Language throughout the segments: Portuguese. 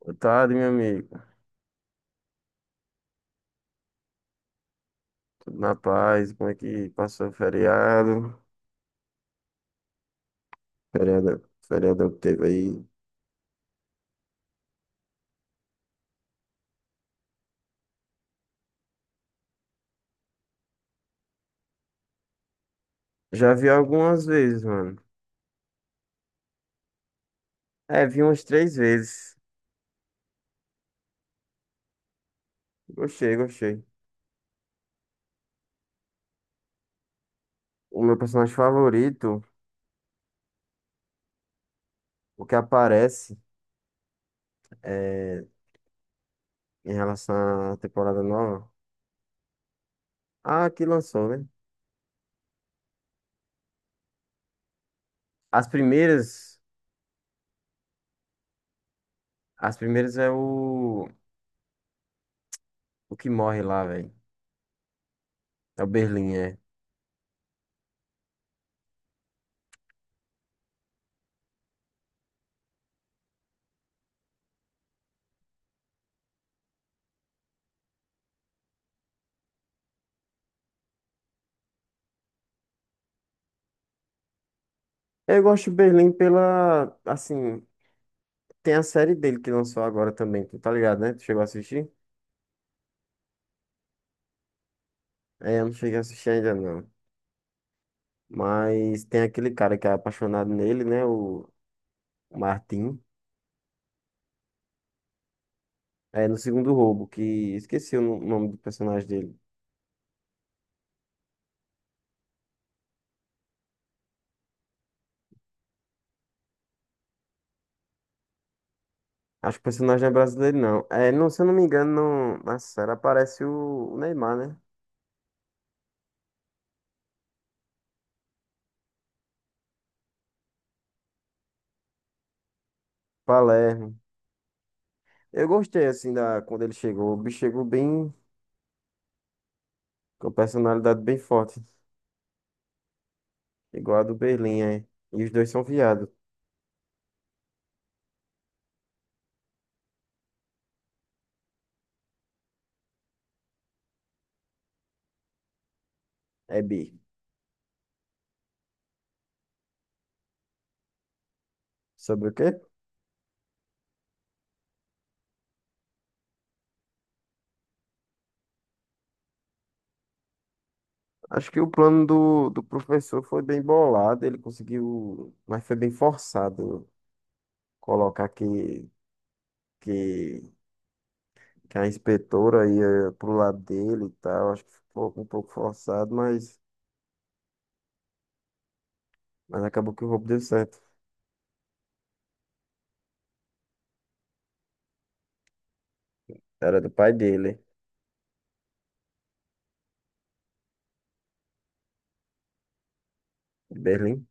Boa tarde, meu amigo. Tudo na paz? Como é que passou o feriado? Feriado que teve aí. Já vi algumas vezes, mano. É, vi umas três vezes. Gostei, gostei. O meu personagem favorito, o que aparece é, em relação à temporada nova. Ah, que lançou, né? As primeiras, as primeiras é o que morre lá, velho. É o Berlim, é. Eu gosto do Berlim pela, assim, tem a série dele que lançou agora também, tu tá ligado, né? Tu chegou a assistir? É, eu não cheguei a assistir ainda não. Mas tem aquele cara que é apaixonado nele, né? O Martin. É, no segundo roubo, que esqueci o nome do personagem dele. Acho que o personagem é brasileiro, não. É, não, se eu não me engano, não, na série aparece o Neymar, né? Palermo. Eu gostei, assim, da, quando ele chegou. O bicho chegou bem, com personalidade bem forte. Igual a do Berlim, é. E os dois são viados. É bi. Sobre o quê? Acho que o plano do professor foi bem bolado, ele conseguiu, mas foi bem forçado colocar que, que a inspetora ia pro lado dele e tal. Acho que ficou um pouco forçado, mas acabou que o roubo deu certo. Era do pai dele, de Berlim.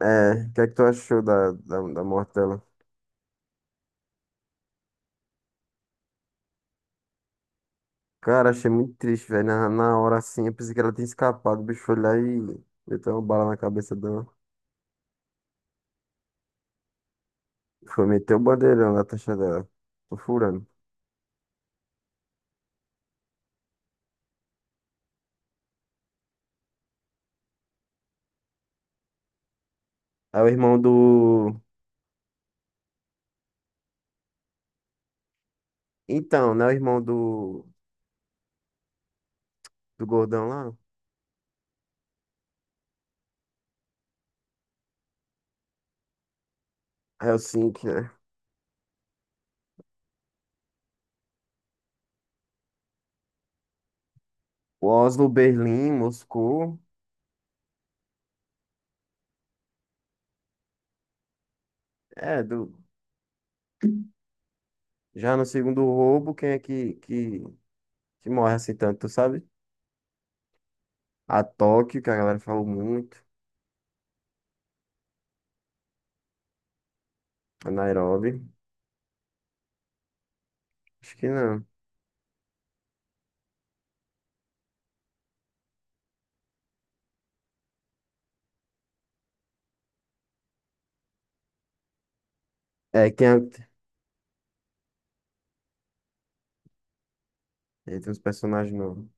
É, o que é que tu achou da morte dela? Cara, achei muito triste, velho. Na hora assim, eu pensei que ela tinha escapado, o bicho foi lá e meteu uma bala na cabeça dela. Foi meter o bandeirão na taxa dela. Tô furando. É o irmão do. Então, né? O irmão do gordão lá. Helsinki, né? O Oslo, Berlim, Moscou. É, do, já no segundo roubo, quem é que morre assim tanto, tu sabe? A Tóquio, que a galera falou muito. A Nairobi. Acho que não. É, quem é? Tem uns personagens novos.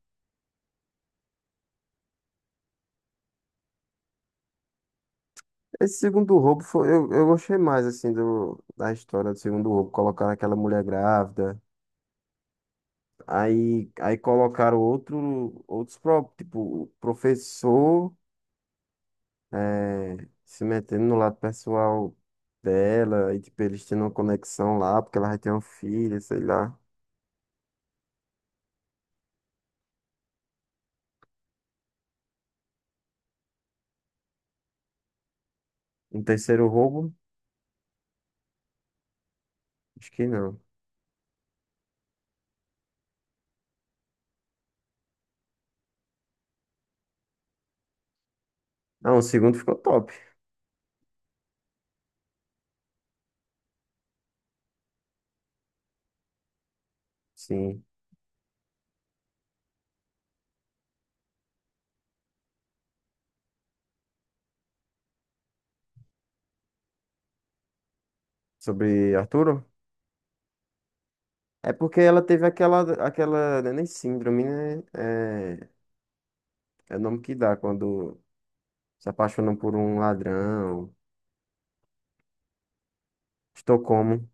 Esse segundo roubo foi, eu gostei mais assim do, da história do segundo roubo, colocar aquela mulher grávida. Aí colocaram outro, outros, tipo, o professor eh, se metendo no lado pessoal dela, e tipo, eles tendo uma conexão lá, porque ela vai ter um filho, sei lá. Um terceiro roubo? Acho que não. Não, o segundo ficou top, sim. Sobre Arturo? É porque ela teve aquela, não é nem síndrome, né? É, é o nome que dá quando se apaixonam por um ladrão. Estocolmo.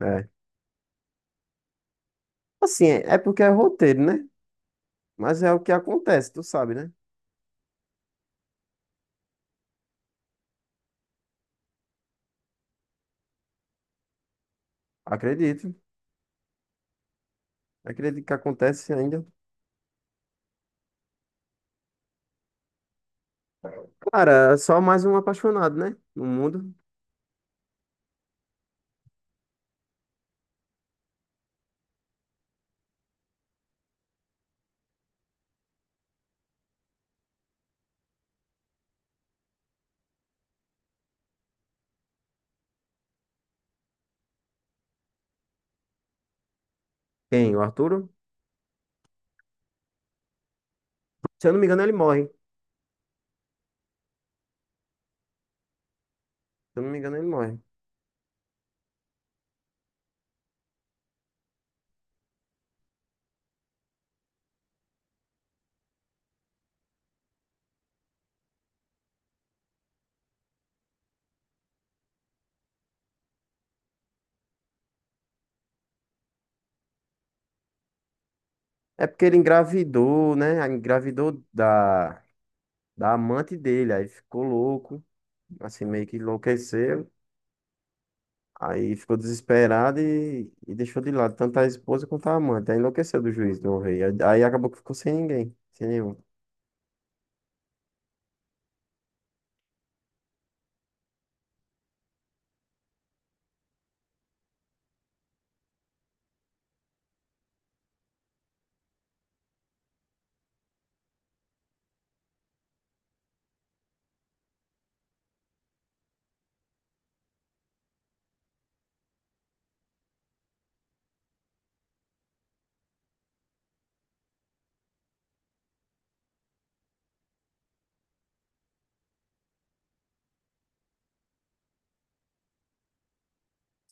É. Assim, é porque é roteiro, né? Mas é o que acontece, tu sabe, né? Acredito. Acredito que acontece ainda. Cara, é só mais um apaixonado, né? No mundo. Quem? O Arturo? Se eu não me engano, ele morre. Se eu não me engano, ele morre. É porque ele engravidou, né? Engravidou da amante dele. Aí ficou louco. Assim, meio que enlouqueceu. Aí ficou desesperado e deixou de lado tanto a esposa quanto a amante. Aí enlouqueceu do juiz do rei. Aí acabou que ficou sem ninguém. Sem nenhum.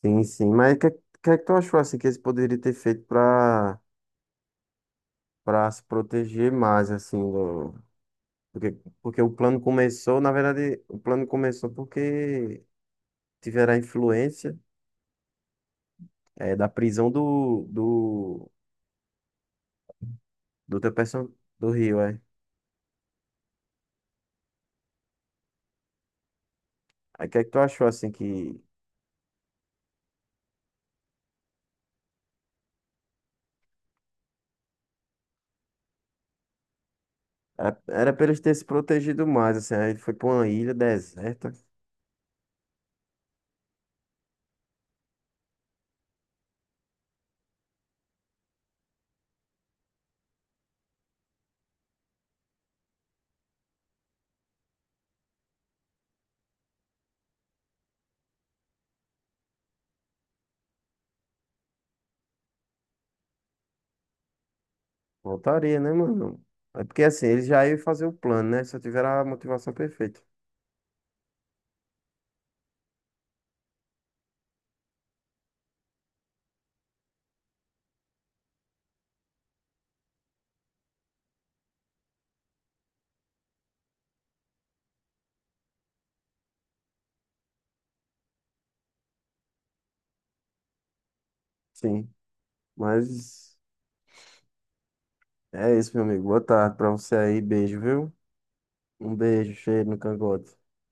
Sim, sim. Mas que é que tu achou assim que eles poderiam ter feito pra, para se proteger mais, assim, do, porque, porque o plano começou, na verdade, o plano começou porque tiveram a influência da prisão do teu do Rio, é. Aí o que é que tu achou, assim, que era pra eles terem se protegido mais, assim, aí ele foi pra uma ilha deserta, voltaria, né, mano? É porque, assim, eles já iam fazer o plano, né, se eu tiver a motivação perfeita. Sim, mas é isso, meu amigo. Boa tarde pra você aí. Beijo, viu? Um beijo cheio no cangote.